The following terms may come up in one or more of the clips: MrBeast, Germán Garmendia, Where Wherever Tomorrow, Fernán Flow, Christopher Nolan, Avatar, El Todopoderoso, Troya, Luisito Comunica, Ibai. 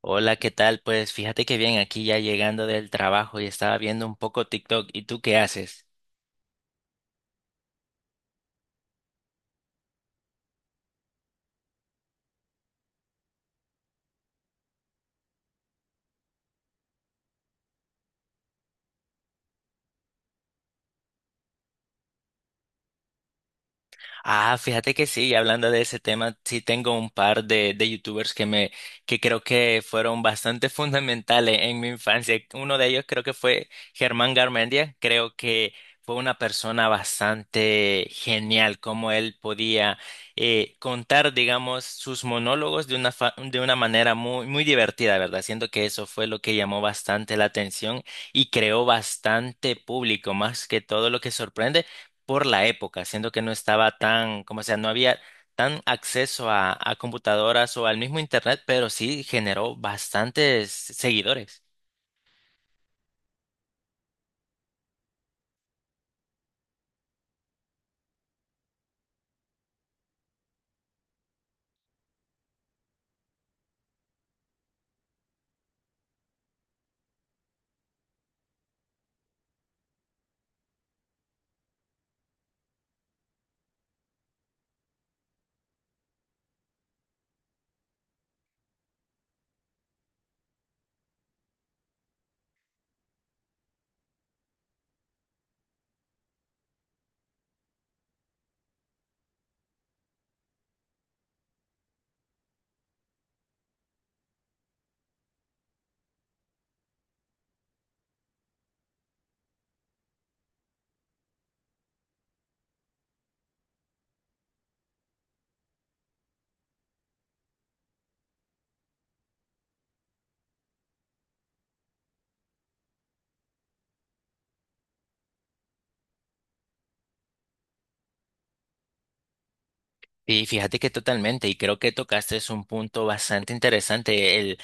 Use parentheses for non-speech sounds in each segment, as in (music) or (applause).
Hola, ¿qué tal? Pues fíjate que bien, aquí ya llegando del trabajo y estaba viendo un poco TikTok. ¿Y tú qué haces? Ah, fíjate que sí, y hablando de ese tema, sí tengo un par de youtubers que me, que creo que fueron bastante (laughs) fundamentales en mi infancia. Uno de ellos creo que fue Germán Garmendia. Creo que fue una persona bastante genial, como él podía contar, digamos, sus monólogos de una, de una manera muy, muy divertida, ¿verdad? Siento que eso fue lo que llamó bastante la atención y creó bastante público, más que todo lo que sorprende por la época, siendo que no estaba tan, como sea, no había tan acceso a computadoras o al mismo internet, pero sí generó bastantes seguidores. Y fíjate que totalmente, y creo que tocaste es un punto bastante interesante,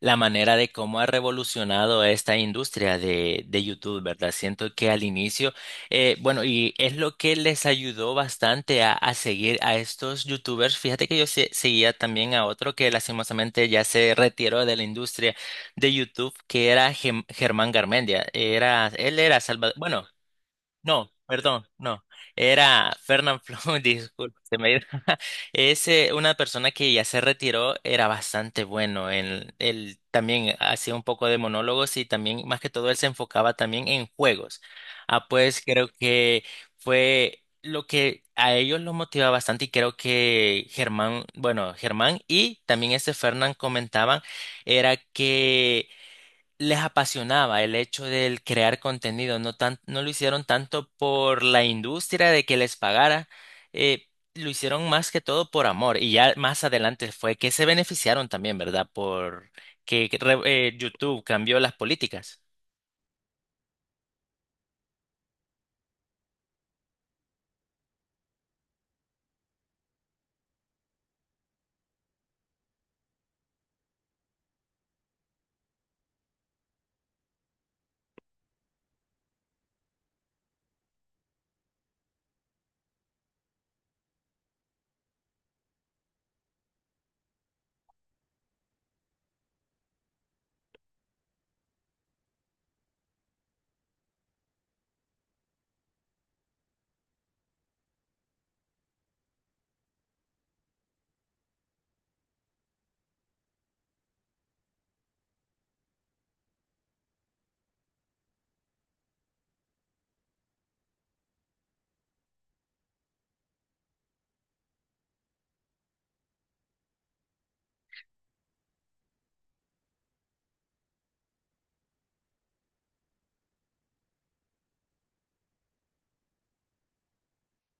la manera de cómo ha revolucionado esta industria de YouTube, ¿verdad? Siento que al inicio, bueno, y es lo que les ayudó bastante a seguir a estos YouTubers. Fíjate que yo seguía también a otro que lastimosamente ya se retiró de la industria de YouTube, que era Germán Garmendia. Era, él era Salvador, bueno, no, perdón, no, era Fernán Flow, (laughs) disculpe, se me ha ido. Es una persona que ya se retiró, era bastante bueno. En- él también hacía un poco de monólogos y también, más que todo, él se enfocaba también en juegos. Ah, pues creo que fue lo que a ellos los motivaba bastante y creo que Germán, bueno, Germán y también este Fernán comentaban, era que les apasionaba el hecho del crear contenido, no tan, no lo hicieron tanto por la industria de que les pagara, eh, lo hicieron más que todo por amor y ya más adelante fue que se beneficiaron también, ¿verdad? Por que re- YouTube cambió las políticas.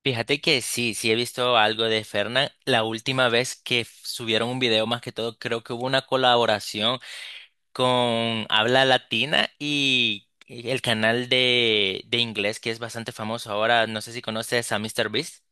Fíjate que sí, sí he visto algo de Fernan. La última vez que subieron un video, más que todo, creo que hubo una colaboración con habla latina y el canal de inglés que es bastante famoso ahora. No sé si conoces a MrBeast.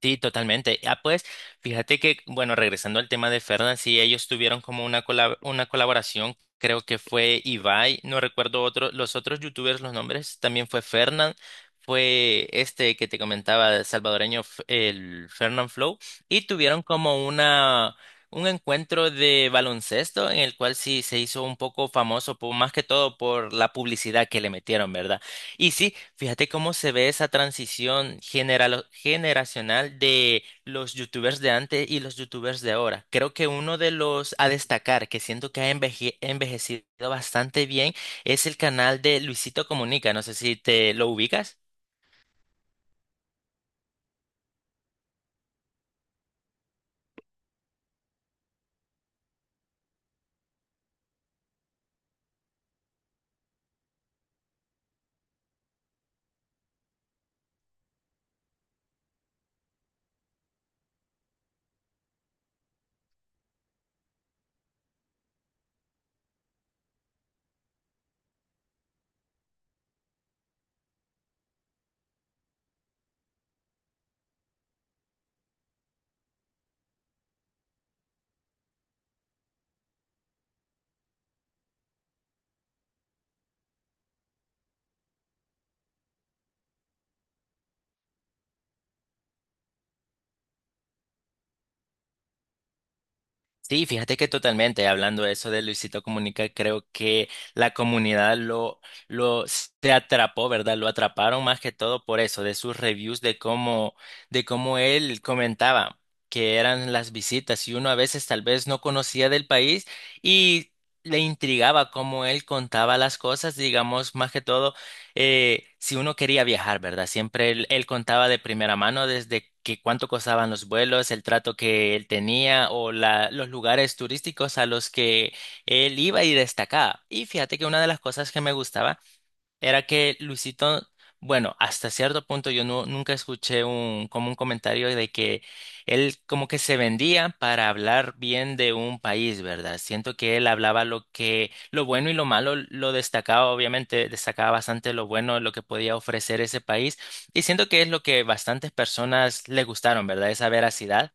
Sí, totalmente. Ah, pues, fíjate que, bueno, regresando al tema de Fernan, sí, ellos tuvieron como una una colaboración, creo que fue Ibai, no recuerdo otro, los otros youtubers, los nombres, también fue Fernan, fue este que te comentaba, el salvadoreño, el Fernan Flow, y tuvieron como una, un encuentro de baloncesto en el cual sí se hizo un poco famoso, más que todo por la publicidad que le metieron, ¿verdad? Y sí, fíjate cómo se ve esa transición generacional de los youtubers de antes y los youtubers de ahora. Creo que uno de los a destacar, que siento que ha envejecido bastante bien, es el canal de Luisito Comunica. No sé si te lo ubicas. Sí, fíjate que totalmente, hablando de eso de Luisito Comunica, creo que la comunidad lo se atrapó, ¿verdad? Lo atraparon más que todo por eso, de sus reviews, de cómo él comentaba que eran las visitas y uno a veces tal vez no conocía del país y le intrigaba cómo él contaba las cosas, digamos, más que todo si uno quería viajar, ¿verdad? Siempre él, él contaba de primera mano desde que cuánto costaban los vuelos, el trato que él tenía o los lugares turísticos a los que él iba y destacaba. Y fíjate que una de las cosas que me gustaba era que Luisito, bueno, hasta cierto punto yo no, nunca escuché un, como un comentario de que él como que se vendía para hablar bien de un país, ¿verdad? Siento que él hablaba lo que, lo bueno y lo malo, lo destacaba, obviamente, destacaba bastante lo bueno, lo que podía ofrecer ese país, y siento que es lo que bastantes personas le gustaron, ¿verdad? Esa veracidad.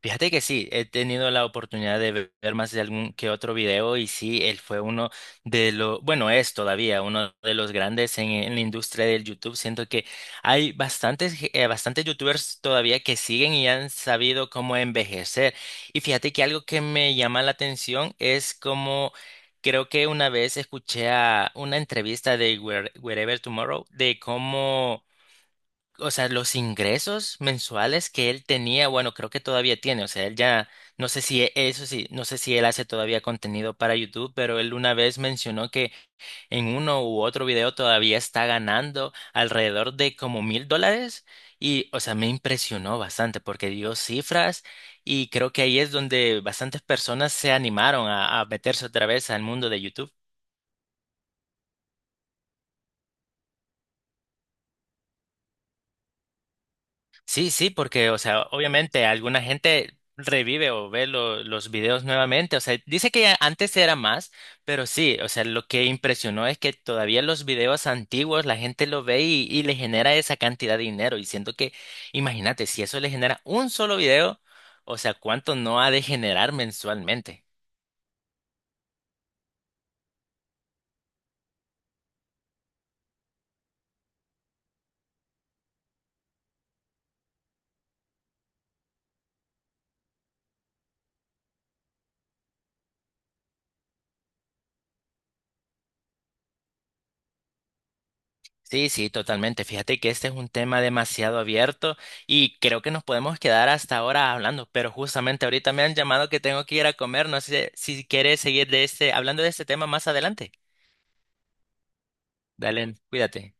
Fíjate que sí, he tenido la oportunidad de ver más de algún que otro video y sí, él fue uno de los, bueno, es todavía uno de los grandes en la industria del YouTube. Siento que hay bastantes, bastantes YouTubers todavía que siguen y han sabido cómo envejecer. Y fíjate que algo que me llama la atención es como, creo que una vez escuché a una entrevista de Wherever Tomorrow de cómo o sea, los ingresos mensuales que él tenía, bueno, creo que todavía tiene, o sea, él ya, no sé si, eso sí, no sé si él hace todavía contenido para YouTube, pero él una vez mencionó que en uno u otro video todavía está ganando alrededor de como $1000 y, o sea, me impresionó bastante porque dio cifras y creo que ahí es donde bastantes personas se animaron a meterse otra vez al mundo de YouTube. Sí, sí, porque, o sea, obviamente alguna gente revive o ve los videos nuevamente. O sea, dice que antes era más, pero sí, o sea, lo que impresionó es que todavía los videos antiguos la gente lo ve y le genera esa cantidad de dinero. Y siento que, imagínate, si eso le genera un solo video, o sea, ¿cuánto no ha de generar mensualmente? Sí, sí, totalmente. Fíjate que este es un tema demasiado abierto y creo que nos podemos quedar hasta ahora hablando, pero justamente ahorita me han llamado que tengo que ir a comer. No sé si quieres seguir de este, hablando de este tema más adelante. Dale, cuídate.